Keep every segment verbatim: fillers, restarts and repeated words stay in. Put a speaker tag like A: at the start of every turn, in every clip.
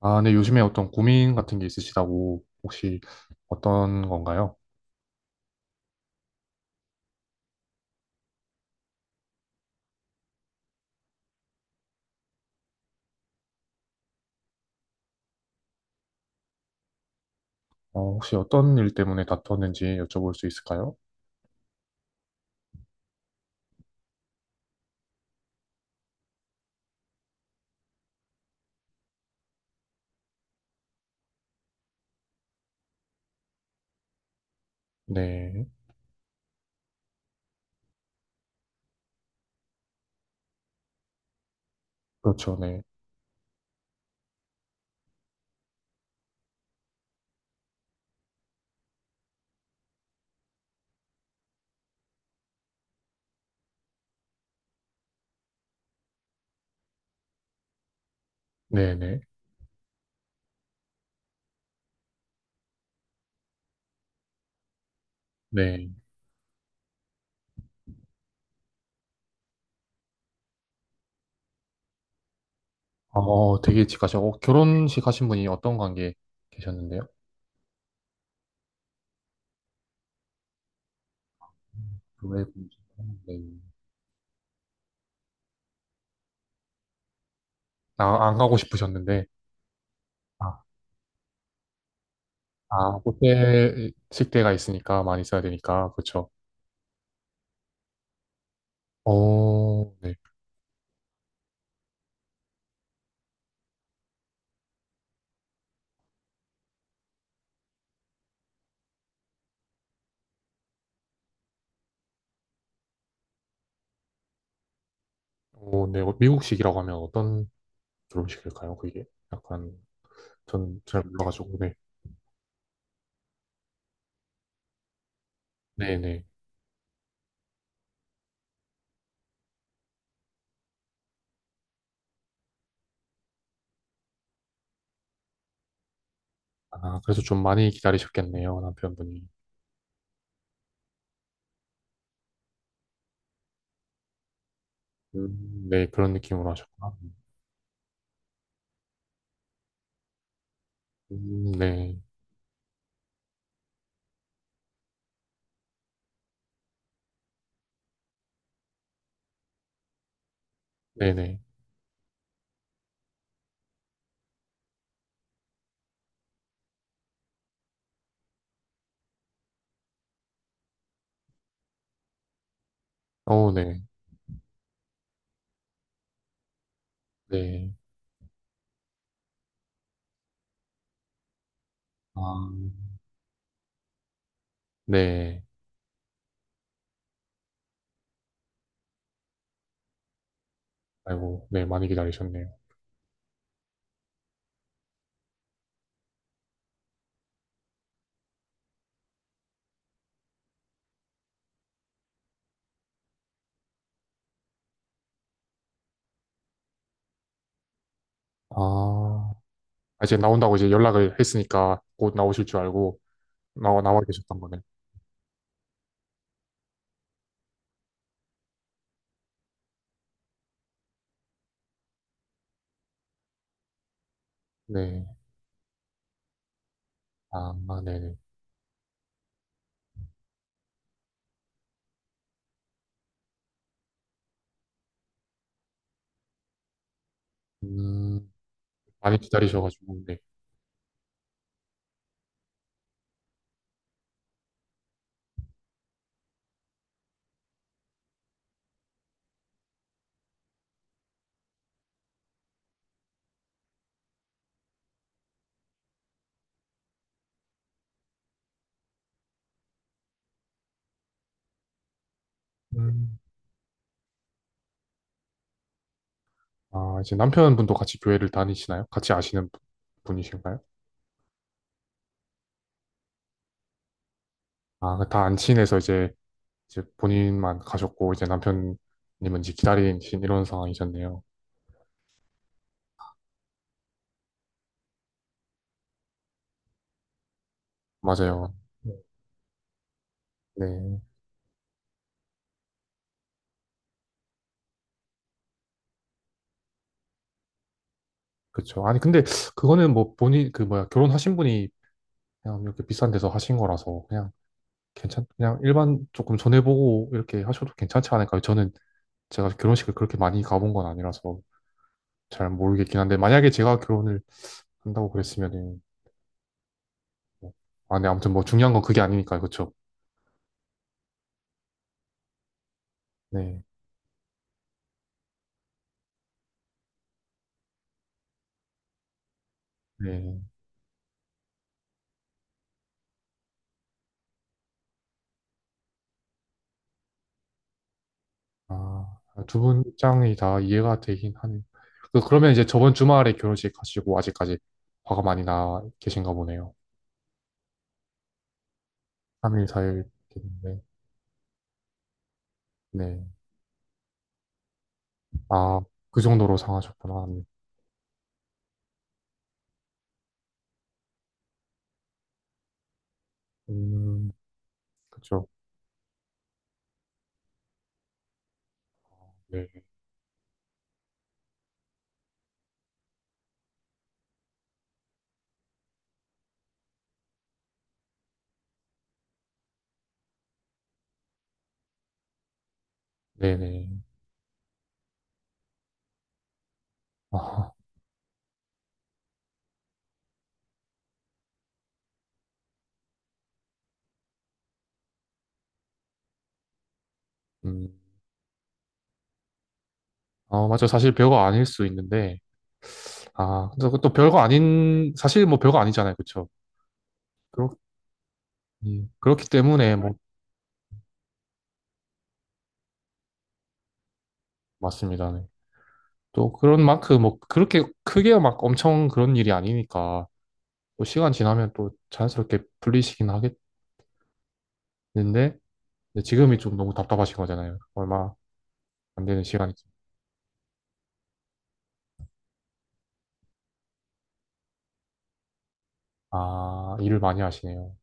A: 아, 네, 요즘에 어떤 고민 같은 게 있으시다고 혹시 어떤 건가요? 어, 혹시 어떤 일 때문에 다투었는지 여쭤볼 수 있을까요? 네, 그렇죠, 네, 네, 네, 네. 어, 되게 직하셔. 어, 결혼식 하신 분이 어떤 관계에 계셨는데요? 음, 왜 그러지? 네. 아, 안 가고 싶으셨는데. 아, 아, 호텔 식대가 있으니까 많이 써야 되니까, 그렇죠. 어, 네. 어, 네, 미국식이라고 하면 어떤 결혼식일까요? 그게 약간. 저는 잘 몰라가지고, 네. 네네. 아, 그래서 좀 많이 기다리셨겠네요, 남편분이. 음, 네, 그런 느낌으로 하셨구나. 음, 네. 네네. 어, 네. 네. 아, 네. 아이고, 네, 많이 기다리셨네요. 아, 아, 이제 나온다고 이제 연락을 했으니까 곧 나오실 줄 알고 나와, 나와 계셨던 거네. 네. 아, 아, 네네. 음, 많이 기다리셔가지고, 네. 음. 아, 이제 남편분도 같이 교회를 다니시나요? 같이 아시는 분- 분이신가요? 아, 다 안 친해서 이제 이제 본인만 가셨고 이제 남편님은 이제 기다리신 이런 상황이셨네요. 맞아요. 네. 네, 그렇죠. 아니 근데 그거는 뭐 본인 그 뭐야 결혼하신 분이 그냥 이렇게 비싼 데서 하신 거라서 그냥 괜찮 그냥 일반 조금 전해보고 이렇게 하셔도 괜찮지 않을까요? 저는 제가 결혼식을 그렇게 많이 가본 건 아니라서 잘 모르겠긴 한데 만약에 제가 결혼을 한다고 그랬으면은 뭐, 아, 네, 아무튼 뭐 중요한 건 그게 아니니까요, 그렇죠? 네, 네. 아, 두 분 입장이 다 이해가 되긴 하네요. 그- 그러면 이제 저번 주말에 결혼식 가시고 아직까지 화가 많이 나 계신가 보네요. 삼 일, 사 일 됐는데. 네. 아, 그 정도로 상하셨구나. 네. 음, 그쵸. 네. 네네. 아, 음. 아, 맞죠. 사실 별거 아닐 수 있는데. 아, 근데 그것도 별거 아닌, 사실 뭐 별거 아니잖아요. 그쵸. 그렇, 음, 그렇기 때문에 뭐, 맞습니다. 네. 또 그런 만큼 뭐 그렇게 크게 막 엄청 그런 일이 아니니까. 또 시간 지나면 또 자연스럽게 풀리시긴 하겠는데 근데 지금이 좀 너무 답답하신 거잖아요. 얼마 안 되는 시간이죠. 아, 일을 많이 하시네요.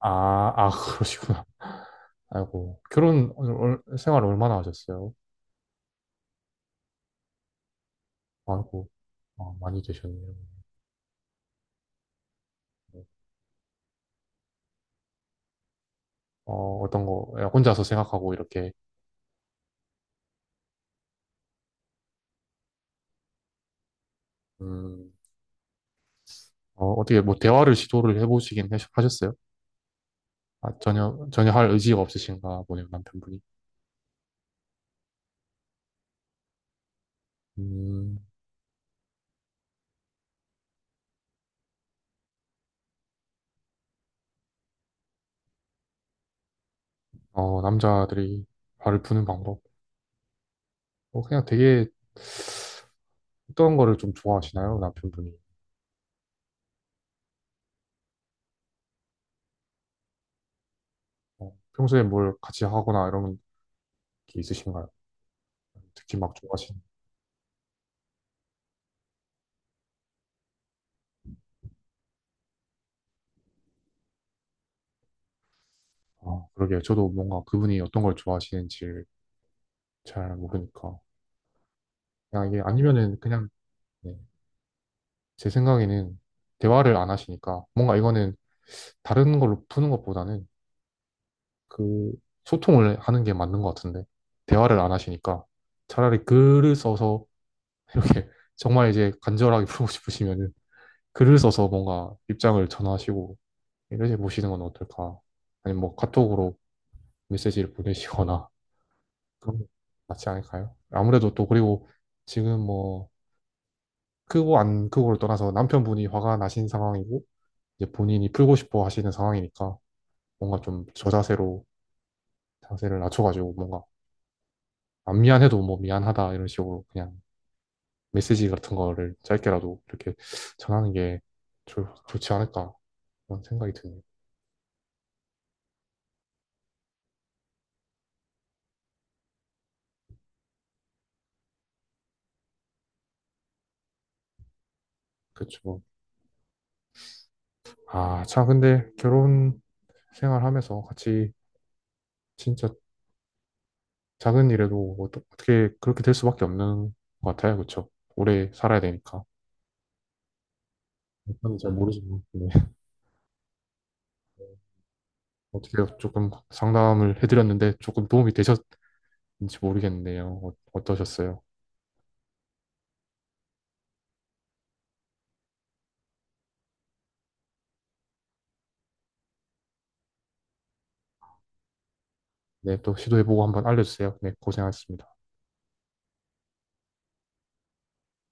A: 아, 아, 그러시구나. 아이고, 결혼 얼- 생활 얼마나 하셨어요? 아이고, 아, 많이 되셨네요. 어, 어떤 거 혼자서 생각하고 이렇게 음, 어, 어떻게 뭐 대화를 시도를 해보시긴 하셨- 하셨어요? 아, 전혀 전혀 할 의지가 없으신가 보네요, 남편분이. 음, 어, 남자들이 발을 푸는 방법. 어, 그냥 되게 어떤 거를 좀 좋아하시나요? 남편분이. 어, 평소에 뭘 같이 하거나 이런 게 있으신가요? 특히 막 좋아하시는. 아, 그러게요. 저도 뭔가 그분이 어떤 걸 좋아하시는지 잘 모르니까. 그냥 이게 아니면은 그냥 네, 제 생각에는 대화를 안 하시니까 뭔가 이거는 다른 걸로 푸는 것보다는 그 소통을 하는 게 맞는 것 같은데 대화를 안 하시니까 차라리 글을 써서 이렇게 정말 이제 간절하게 풀고 싶으시면은 글을 써서 뭔가 입장을 전하시고 이렇게 보시는 건 어떨까? 아니면 뭐 카톡으로 메시지를 보내시거나 그런 게 낫지 않을까요? 아무래도 또 그리고 지금 뭐 크고 안 크고를 떠나서 남편분이 화가 나신 상황이고 이제 본인이 풀고 싶어 하시는 상황이니까 뭔가 좀 저자세로 자세를 낮춰가지고 뭔가 안 미안해도 뭐 미안하다 이런 식으로 그냥 메시지 같은 거를 짧게라도 이렇게 전하는 게 좋, 좋지 않을까 그런 생각이 드네요. 그쵸. 아, 참, 근데 결혼 생활하면서 같이 진짜 작은 일에도 어떠- 어떻게 그렇게 될 수밖에 없는 것 같아요. 그쵸? 오래 살아야 되니까. 저는 잘 모르지만, 네. 어떻게 조금 상담을 해드렸는데 조금 도움이 되셨는지 모르겠네요. 어- 어떠셨어요? 네, 또 시도해보고 한번 알려주세요. 네, 고생하셨습니다.